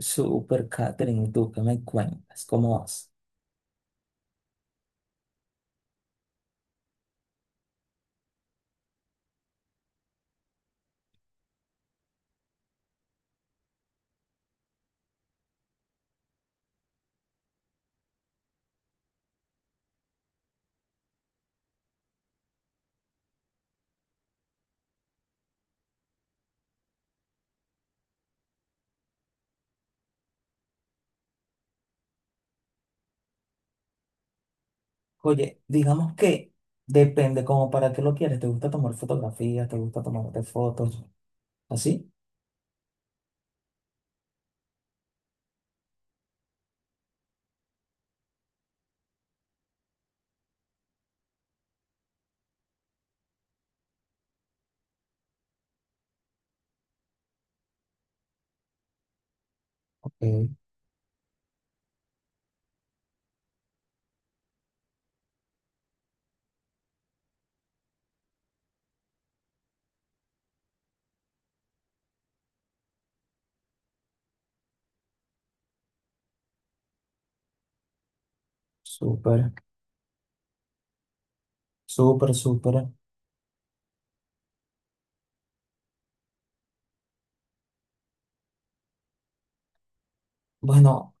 Super Catherine, ¿y tú qué me cuentas? ¿Cómo vas? Oye, digamos que depende como para qué lo quieres. ¿Te gusta tomar fotografías? ¿Te gusta tomarte fotos? ¿Así? Ok, súper, súper, súper. Bueno,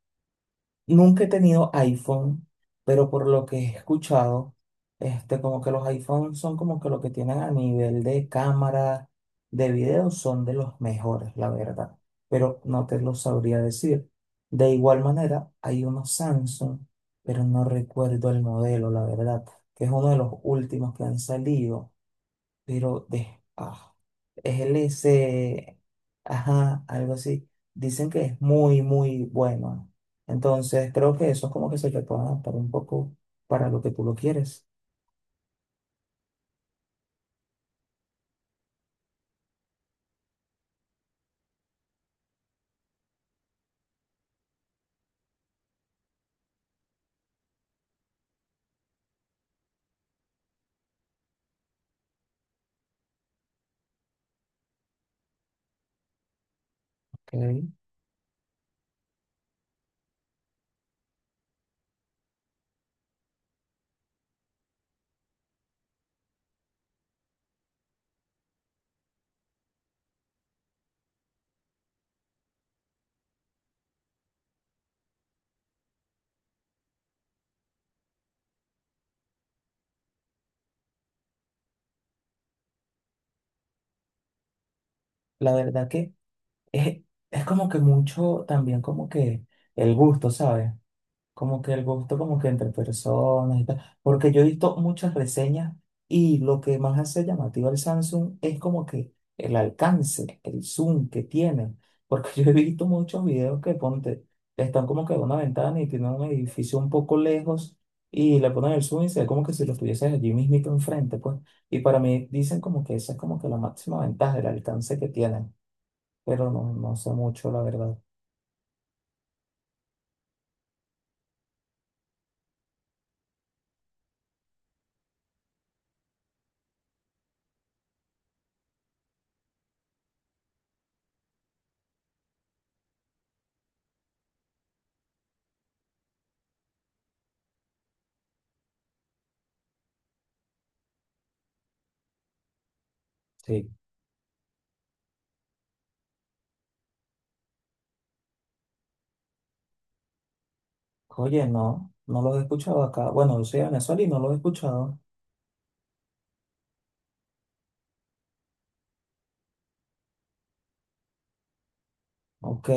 nunca he tenido iPhone, pero por lo que he escuchado, este, como que los iPhones son como que lo que tienen a nivel de cámara, de video, son de los mejores, la verdad. Pero no te lo sabría decir. De igual manera, hay unos Samsung, pero no recuerdo el modelo, la verdad, que es uno de los últimos que han salido pero de, LC, ajá, algo así. Dicen que es muy, muy bueno. Entonces, creo que eso es como que se te puede adaptar un poco para lo que tú lo quieres. ¿Ok? La verdad que es, es como que mucho también como que el gusto, ¿sabes? Como que el gusto como que entre personas y tal, porque yo he visto muchas reseñas y lo que más hace llamativo al Samsung es como que el alcance, el zoom que tiene, porque yo he visto muchos videos que ponte, están como que en una ventana y tienen un edificio un poco lejos y le ponen el zoom y se ve como que si lo estuvieses allí mismito enfrente, pues, y para mí dicen como que esa es como que la máxima ventaja, el alcance que tienen, pero no, no sé mucho la verdad. Sí. Oye, no, no los he escuchado acá. Bueno, yo soy de Venezuela y no los he escuchado. Ok.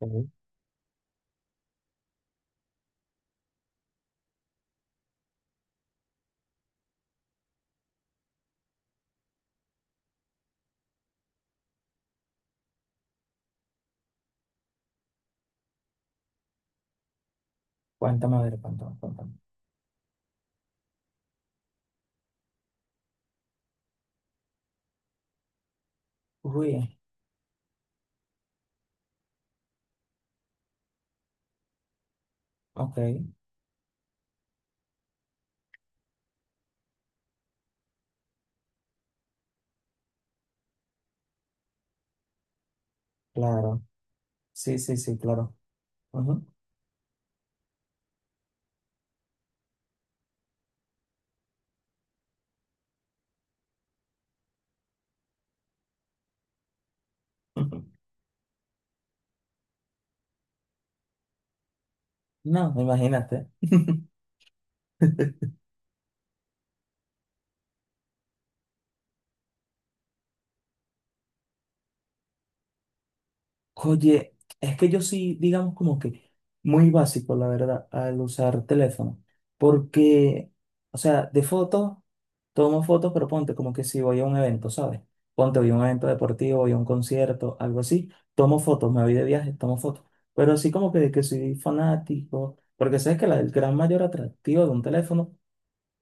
Ujú. Cuéntame, a ver, cuéntame, cuéntame. Uy, ok, claro. Sí, sí, sí, claro. Ujú. No, imagínate. Oye, es que yo sí, digamos como que muy básico, la verdad, al usar teléfono. Porque, o sea, de fotos. Tomo fotos, pero ponte como que si voy a un evento, ¿sabes? Ponte, voy a un evento deportivo, voy a un concierto, algo así, tomo fotos, me voy de viaje, tomo fotos. Pero así como que de que soy fanático, porque sabes que la- el gran mayor atractivo de un teléfono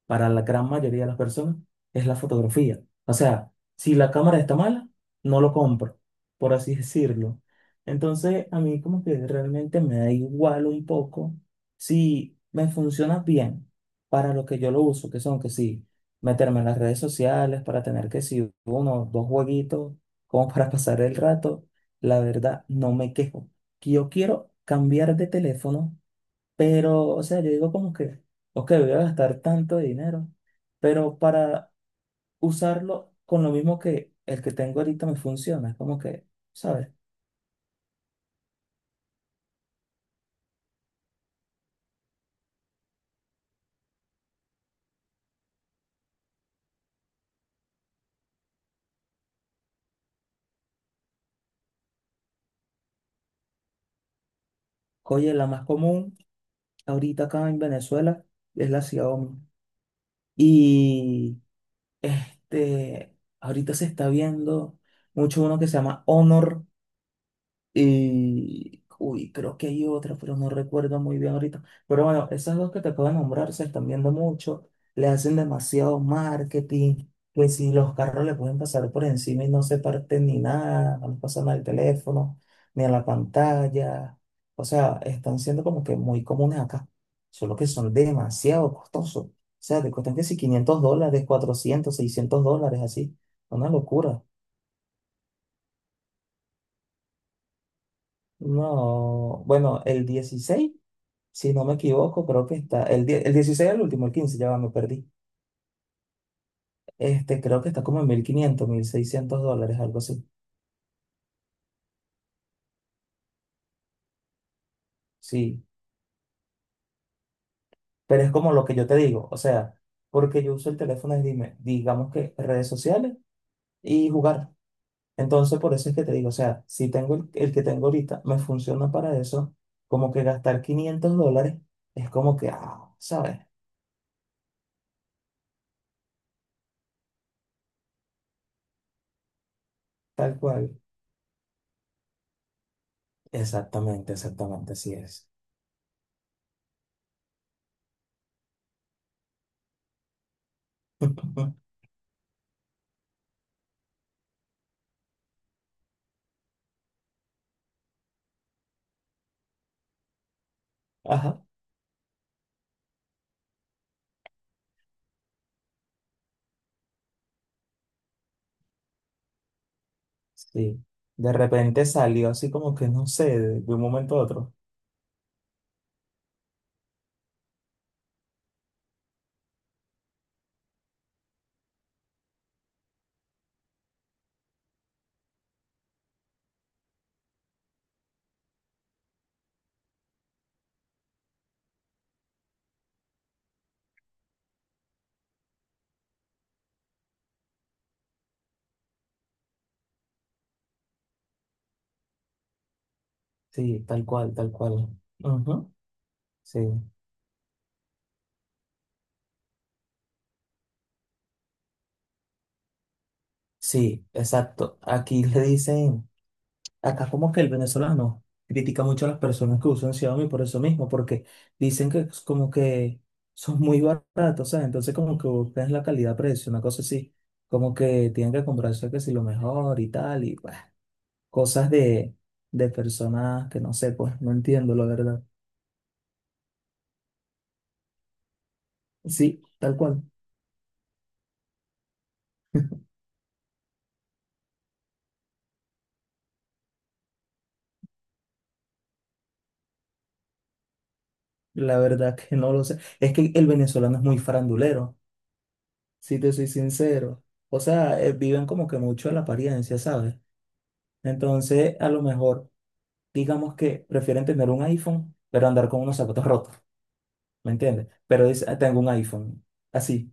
para la gran mayoría de las personas, es la fotografía. O sea, si la cámara está mala, no lo compro, por así decirlo. Entonces, a mí como que realmente me da igual un poco si me funciona bien para lo que yo lo uso, que son que sí, meterme en las redes sociales para tener que si uno o dos jueguitos como para pasar el rato, la verdad no me quejo. Que yo quiero cambiar de teléfono pero, o sea, yo digo como que, ok, voy a gastar tanto dinero, pero para usarlo con lo mismo que el que tengo ahorita me funciona. Es como que, ¿sabes? Oye, la más común ahorita acá en Venezuela es la Xiaomi. Y este, ahorita se está viendo mucho uno que se llama Honor. Y, uy, creo que hay otra, pero no recuerdo muy bien ahorita. Pero bueno, esas dos que te acabo de nombrar se están viendo mucho, le hacen demasiado marketing, que si los carros le pueden pasar por encima y no se parten ni nada, no les pasan al teléfono, ni a la pantalla. O sea, están siendo como que muy comunes acá, solo que son demasiado costosos. O sea, te cuestan que si $500, $400 $600, así. Una locura. No, bueno, el 16. Si no me equivoco, creo que está el, die- el 16 el último, el 15, ya va, me perdí. Este, creo que está como en $1.500 $1.600, algo así. Sí, pero es como lo que yo te digo, o sea, porque yo uso el teléfono, es, dime, digamos que redes sociales y jugar. Entonces, por eso es que te digo, o sea, si tengo el que tengo ahorita, me funciona para eso, como que gastar $500 es como que, ah, ¿sabes? Tal cual. Exactamente, exactamente, así es. Ajá. Sí, de repente salió así como que no sé, de un momento a otro. Sí, tal cual, tal cual. Ujú. Sí, sí, exacto. Aquí le dicen, acá como que el venezolano critica mucho a las personas que usan Xiaomi por eso mismo, porque dicen que es como que son muy baratos, ¿sabes? Entonces como que buscan la calidad-precio, una cosa así, como que tienen que comprarse que si lo mejor y tal, y pues, cosas de personas que no sé, pues no entiendo la verdad. Sí, tal cual. La verdad que no lo sé. Es que el venezolano es muy farandulero, si te soy sincero. O sea, viven como que mucho de la apariencia, ¿sabes? Entonces, a lo mejor, digamos que prefieren tener un iPhone, pero andar con unos zapatos rotos, ¿me entiendes? Pero dice, "Ah, tengo un iPhone. Así,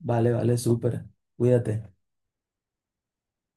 vale, vale, súper. Cuídate.